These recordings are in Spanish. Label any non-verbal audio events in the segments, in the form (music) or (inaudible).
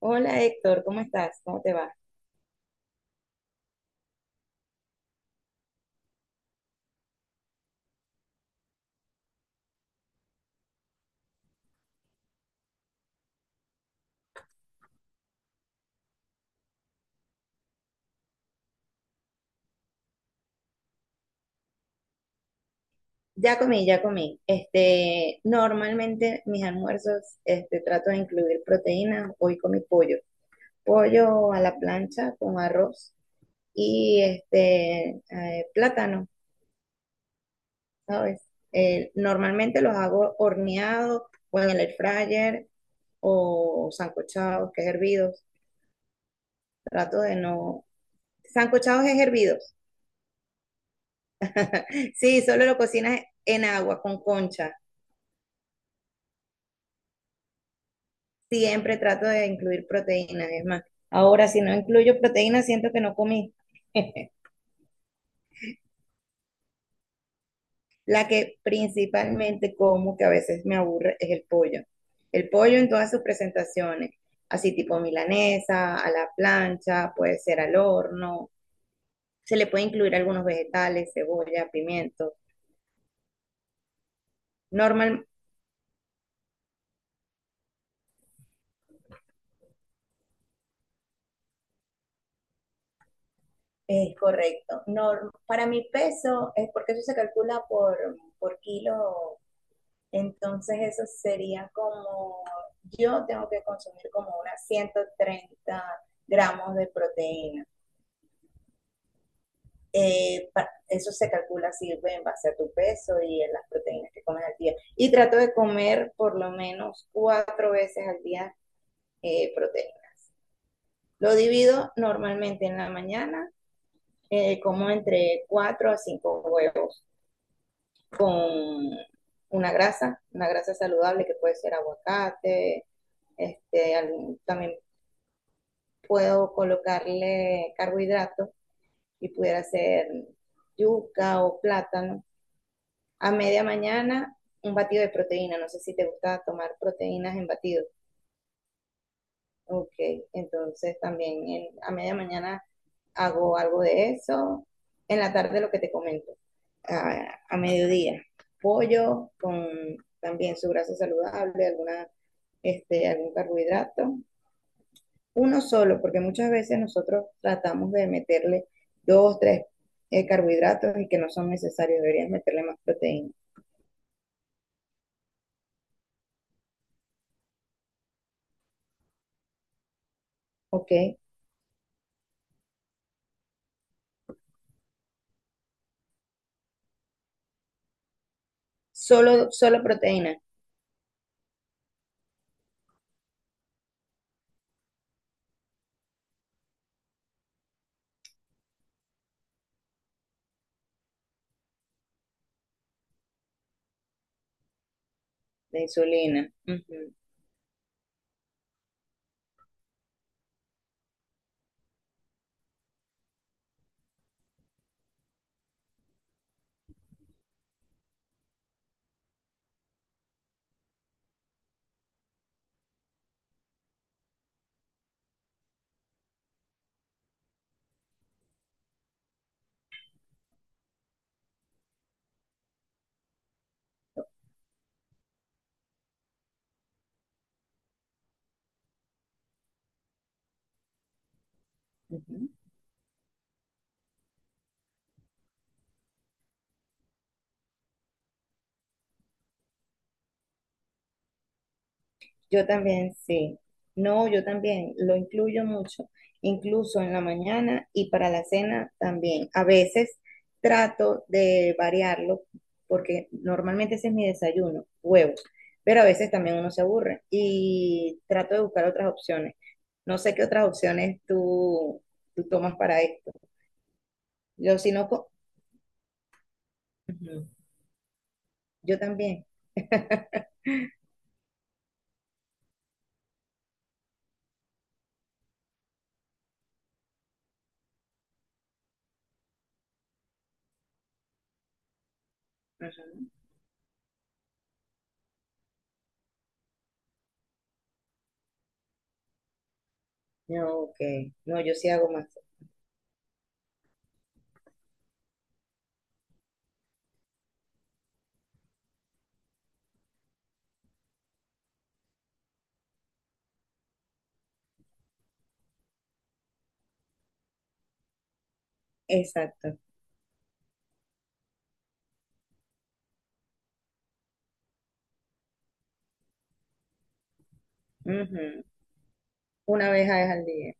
Hola Héctor, ¿cómo estás? ¿Cómo te va? Ya comí. Normalmente mis almuerzos, trato de incluir proteínas. Hoy comí pollo. Pollo a la plancha con arroz y plátano, ¿sabes? Normalmente los hago horneados o en el air fryer o sancochados, que es hervidos. Trato de no... Sancochados es hervidos. Sí, solo lo cocinas en agua con concha. Siempre trato de incluir proteínas. Es más, ahora si no incluyo proteínas, siento que no comí. La que principalmente como, que a veces me aburre, es el pollo. El pollo en todas sus presentaciones, así tipo milanesa, a la plancha, puede ser al horno. Se le puede incluir algunos vegetales, cebolla, pimiento. Normal, es correcto. Para mi peso, es porque eso se calcula por kilo. Entonces eso sería como, yo tengo que consumir como unas 130 gramos de proteína. Eh, Eso se calcula sirve en base a tu peso y en las proteínas que comes al día. Y trato de comer por lo menos cuatro veces al día proteína. Lo divido normalmente en la mañana, como entre cuatro a cinco huevos con una grasa saludable que puede ser aguacate, algún, también puedo colocarle carbohidratos y pudiera ser yuca o plátano. A media mañana, un batido de proteína. No sé si te gusta tomar proteínas en batido. Ok, entonces también a media mañana hago algo de eso. En la tarde lo que te comento, a mediodía, pollo con también su grasa saludable, alguna, algún carbohidrato, uno solo, porque muchas veces nosotros tratamos de meterle dos, tres carbohidratos y que no son necesarios, deberías meterle más proteína, ¿ok? Solo, solo proteína, la insulina. Ujú, ujú. Yo también, sí. No, yo también lo incluyo mucho, incluso en la mañana y para la cena también. A veces trato de variarlo porque normalmente ese es mi desayuno, huevos, pero a veces también uno se aburre y trato de buscar otras opciones. No sé qué otras opciones tú, tú tomas para esto. Yo si no, co- Ujú. Yo también. Ujú. No, ok. No, yo sí hago más. Exacto. Ujú. Una vez al día.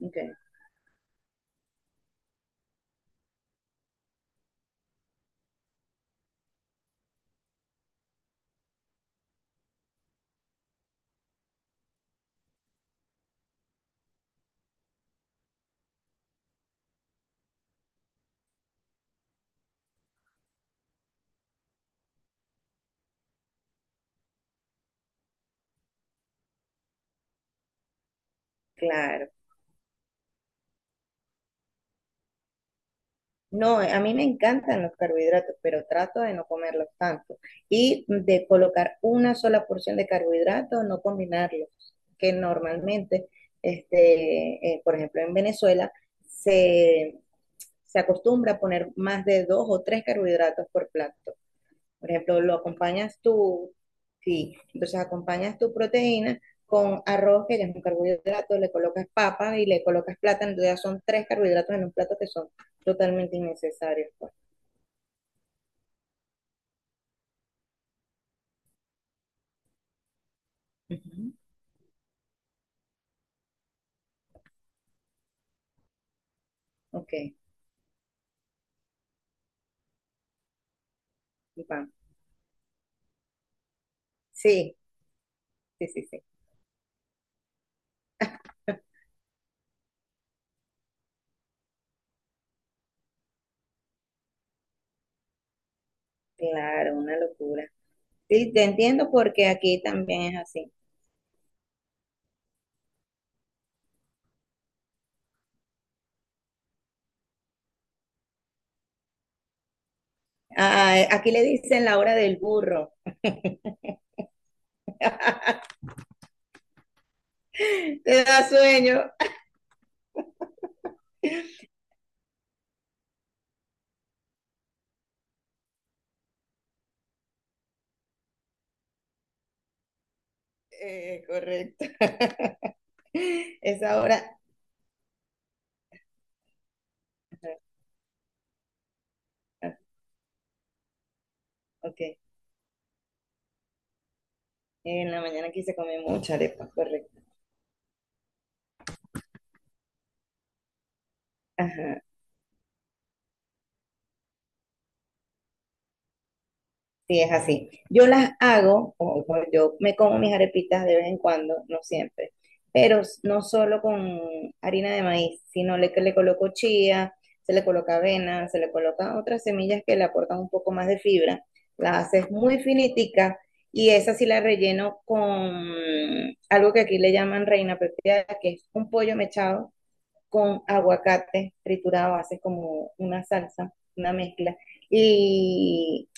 Ok. Claro. No, a mí me encantan los carbohidratos, pero trato de no comerlos tanto y de colocar una sola porción de carbohidratos, no combinarlos, que normalmente, por ejemplo, en Venezuela se, se acostumbra a poner más de dos o tres carbohidratos por plato. Por ejemplo, lo acompañas tú, sí, entonces acompañas tu proteína con arroz, que ya es un carbohidrato, le colocas papa y le colocas plátano, entonces ya son tres carbohidratos en un plato que son totalmente innecesarios, pues. Ujú. Ok, y pan. Sí, sí, sí, sí. Claro, una locura. Sí, te entiendo porque aquí también es así. Aquí le dicen la hora del burro. (laughs) Te da sueño. Correcto. (laughs) Esa hora. Ah, ok. En la mañana aquí se come mucha arepa, correcto. Ajá, sí, es así. Yo las hago, o yo me como mis arepitas de vez en cuando, no siempre, pero no solo con harina de maíz, que le coloco chía, se le coloca avena, se le coloca otras semillas que le aportan un poco más de fibra. La haces muy finitica y esa sí la relleno con algo que aquí le llaman reina pepiada, que es un pollo mechado con aguacate triturado, haces como una salsa, una mezcla. Y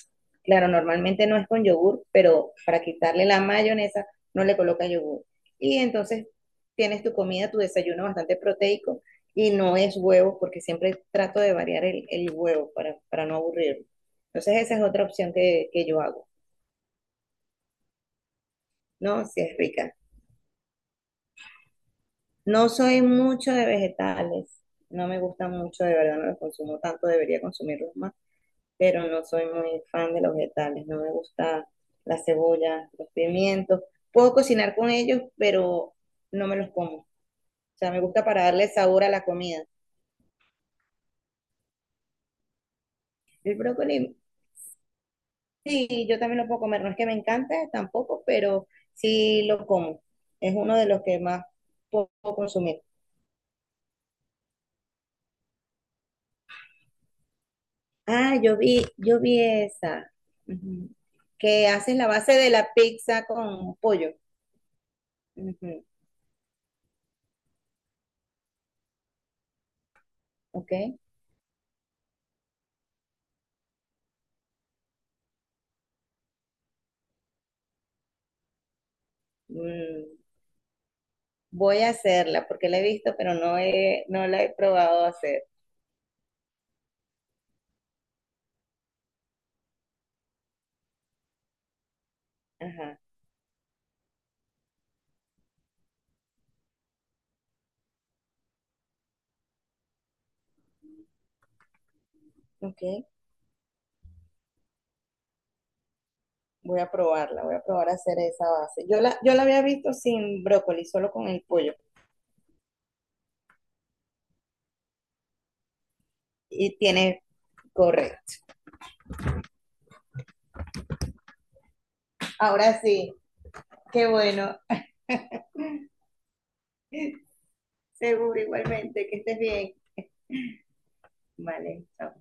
claro, normalmente no es con yogur, pero para quitarle la mayonesa no le coloca yogur. Y entonces tienes tu comida, tu desayuno bastante proteico y no es huevo, porque siempre trato de variar el huevo para no aburrirme. Entonces esa es otra opción que yo hago, ¿no? Si es rica. No soy mucho de vegetales, no me gustan mucho, de verdad no los consumo tanto, debería consumirlos más. Pero no soy muy fan de los vegetales, no me gusta la cebolla, los pimientos. Puedo cocinar con ellos, pero no me los como. O sea, me gusta para darle sabor a la comida. El brócoli, sí, yo también lo puedo comer, no es que me encante tampoco, pero sí lo como. Es uno de los que más puedo consumir. Ah, yo vi esa, ujú, que haces la base de la pizza con pollo. Ujú. Ok. Mm. Voy a hacerla porque la he visto, pero no la he probado a hacer. Ajá, ok. Voy a probarla, voy a probar a hacer esa base. Yo la había visto sin brócoli, solo con el pollo. Y tiene correcto. Ahora sí, qué bueno. Seguro igualmente, que estés bien. Vale, chao.